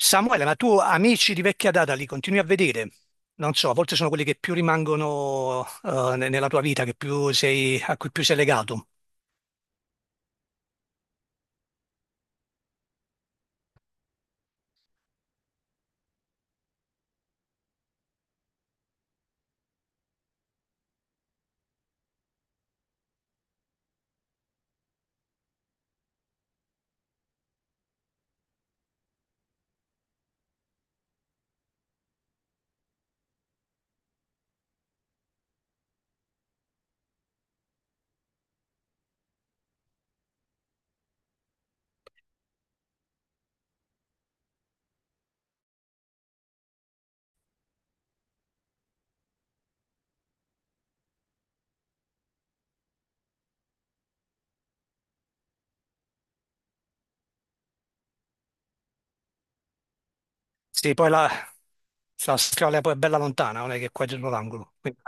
Samuele, ma tu amici di vecchia data li continui a vedere? Non so, a volte sono quelli che più rimangono nella tua vita, che più sei, a cui più sei legato. Sì, la strada poi è bella lontana, non è che è qua dietro l'angolo. Quindi,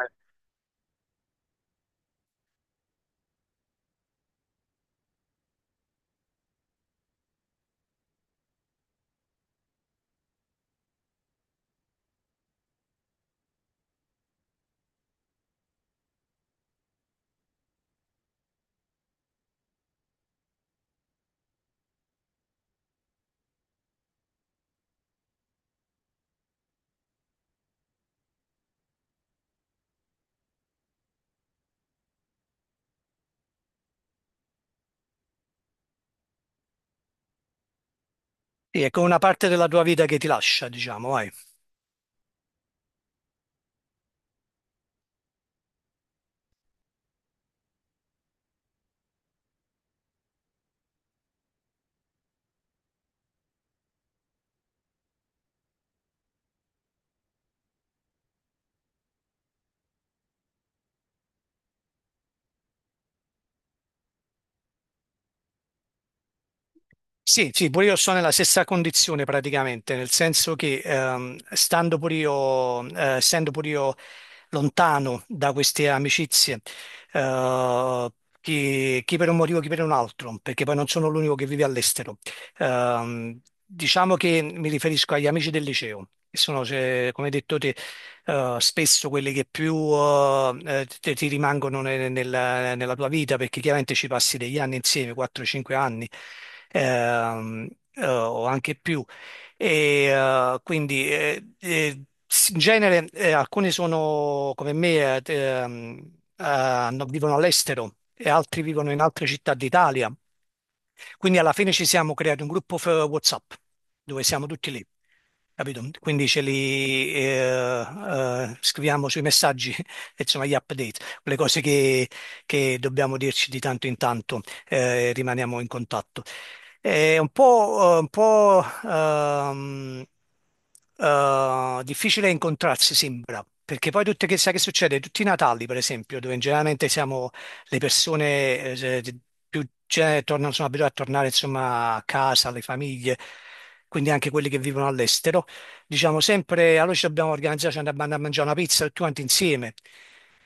sì, è come una parte della tua vita che ti lascia, diciamo, vai. Sì, sì, pure io sono nella stessa condizione praticamente, nel senso che stando pure io, essendo pure io lontano da queste amicizie, eh, chi per un motivo, chi per un altro, perché poi non sono l'unico che vive all'estero. Diciamo che mi riferisco agli amici del liceo, che sono, cioè, come hai detto te, spesso quelli che più ti rimangono nella tua vita, perché chiaramente ci passi degli anni insieme, 4-5 anni ehm, o anche più. E, quindi s- in genere alcuni sono come me, vivono all'estero e altri vivono in altre città d'Italia, quindi alla fine ci siamo creati un gruppo WhatsApp dove siamo tutti lì, capito? Quindi ce li scriviamo sui messaggi, insomma, gli update, le cose che dobbiamo dirci di tanto in tanto, rimaniamo in contatto. È un po' difficile incontrarsi, sembra, perché poi tutte che sai che succede? Tutti i Natali, per esempio, dove generalmente siamo le persone tornano, sono abituate a tornare insomma a casa, alle famiglie, quindi anche quelli che vivono all'estero diciamo sempre, allora ci dobbiamo organizzare, ci andiamo a mangiare una pizza tutti quanti insieme.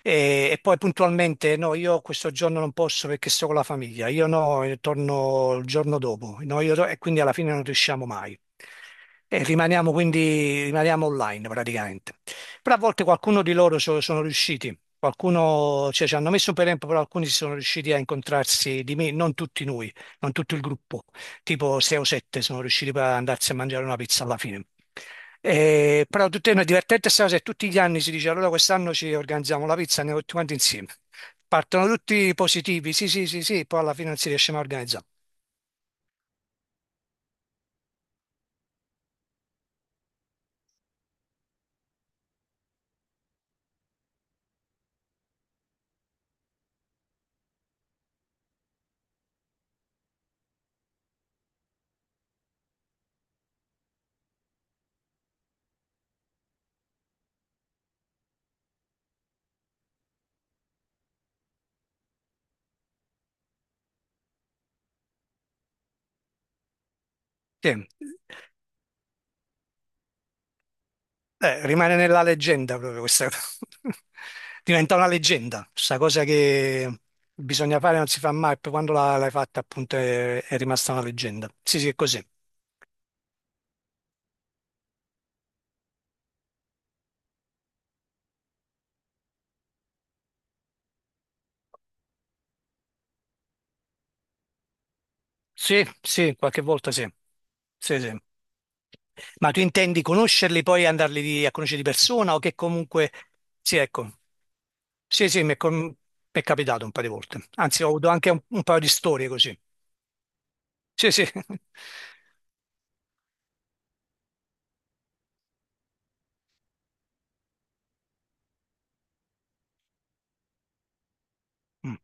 E poi puntualmente, no, io questo giorno non posso perché sto con la famiglia, io no, io torno il giorno dopo, no, io to- e quindi alla fine non riusciamo mai. E rimaniamo online praticamente. Però a volte qualcuno di loro sono riusciti, qualcuno, cioè ci hanno messo un po' di tempo, però alcuni si sono riusciti a incontrarsi di me, non tutti noi, non tutto il gruppo, tipo 6 o 7 sono riusciti poi ad andarsi a mangiare una pizza alla fine. Però tutte è una divertente sta cosa e tutti gli anni si dice allora quest'anno ci organizziamo la pizza, andiamo tutti quanti insieme. Partono tutti positivi, sì, sì, sì, sì, poi alla fine non si riesce mai a organizzare. Sì. Rimane nella leggenda proprio questa cosa. Diventa una leggenda, questa cosa che bisogna fare non si fa mai, poi quando l'hai fatta appunto è rimasta una leggenda. Sì, sì, è così. Sì, sì, qualche volta sì. Sì, sì. Ma tu intendi conoscerli poi e a conoscere di persona o che comunque... Sì, ecco. Sì, sì, mi è capitato un paio di volte. Anzi, ho avuto anche un paio di storie così. Sì, sì. Mm.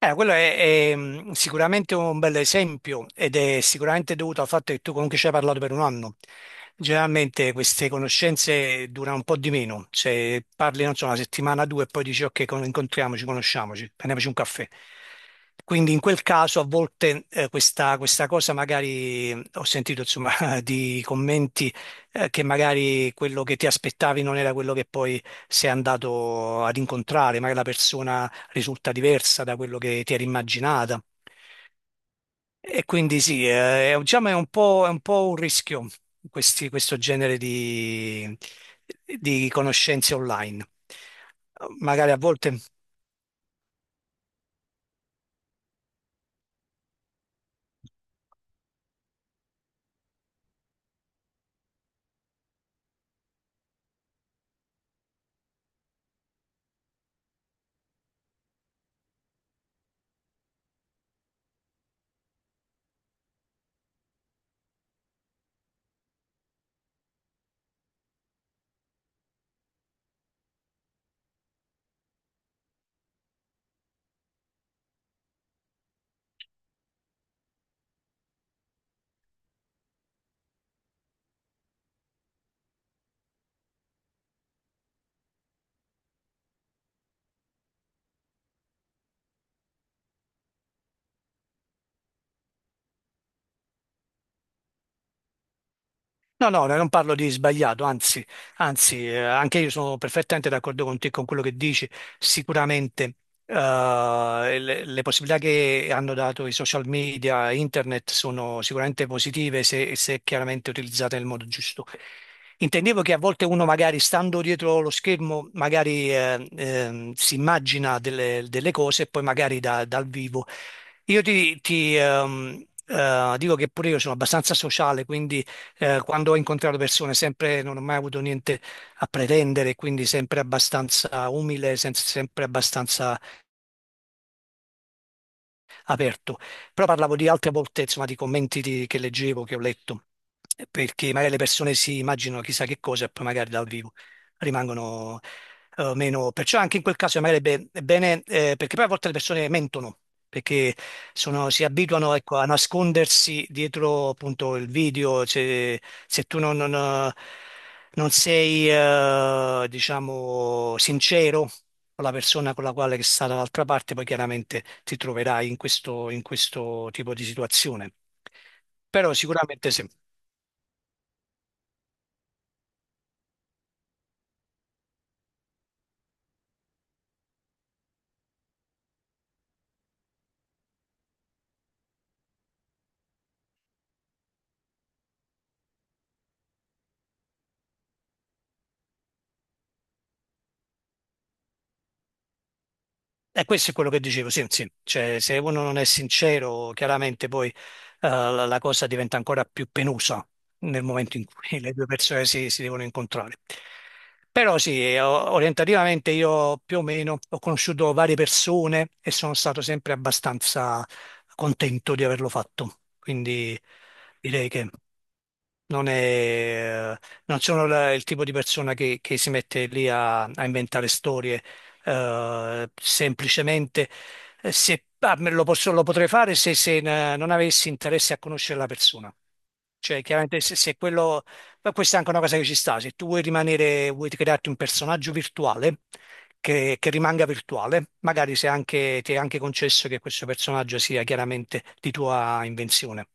Quello è sicuramente un bel esempio ed è sicuramente dovuto al fatto che tu comunque ci hai parlato per un anno. Generalmente queste conoscenze durano un po' di meno, cioè parli, non so, una settimana, due e poi dici ok, incontriamoci, conosciamoci, prendiamoci un caffè. Quindi in quel caso a volte questa cosa magari ho sentito insomma di commenti che magari quello che ti aspettavi non era quello che poi sei andato ad incontrare, magari la persona risulta diversa da quello che ti eri immaginata. E quindi sì, diciamo è è un po' un rischio questo genere di conoscenze online. Magari a volte no, no, no, non parlo di sbagliato, anzi, anzi, anche io sono perfettamente d'accordo con te con quello che dici. Sicuramente, le possibilità che hanno dato i social media, internet, sono sicuramente positive se chiaramente utilizzate nel modo giusto. Intendevo che a volte uno magari stando dietro lo schermo, magari si immagina delle cose e poi magari dal vivo. Io ti dico che pure io sono abbastanza sociale, quindi quando ho incontrato persone sempre non ho mai avuto niente a pretendere, quindi sempre abbastanza umile, sempre abbastanza aperto. Però parlavo di altre volte, insomma, di commenti che leggevo, che ho letto, perché magari le persone si immaginano chissà che cosa e poi magari dal vivo rimangono meno. Perciò anche in quel caso magari è bene, perché poi a volte le persone mentono perché si abituano, ecco, a nascondersi dietro appunto il video, cioè, se tu non sei, diciamo, sincero con la persona con la quale che sta dall'altra parte, poi chiaramente ti troverai in in questo tipo di situazione. Però sicuramente sì. E questo è quello che dicevo, sì, sì. Cioè, se uno non è sincero, chiaramente poi la cosa diventa ancora più penosa nel momento in cui le due persone si devono incontrare. Però sì, orientativamente io più o meno ho conosciuto varie persone e sono stato sempre abbastanza contento di averlo fatto. Quindi direi che... Non è, non sono il tipo di persona che si mette lì a inventare storie, semplicemente se, ah, lo potrei fare se, se non avessi interesse a conoscere la persona. Cioè, chiaramente se, se quello, ma questa è anche una cosa che ci sta, se tu vuoi rimanere, vuoi crearti un personaggio virtuale che rimanga virtuale, magari se anche, ti è anche concesso che questo personaggio sia chiaramente di tua invenzione.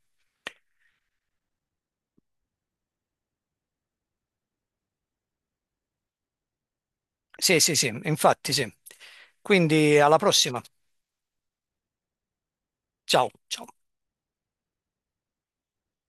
Sì, sì, sì, infatti sì. Quindi alla prossima. Ciao, ciao.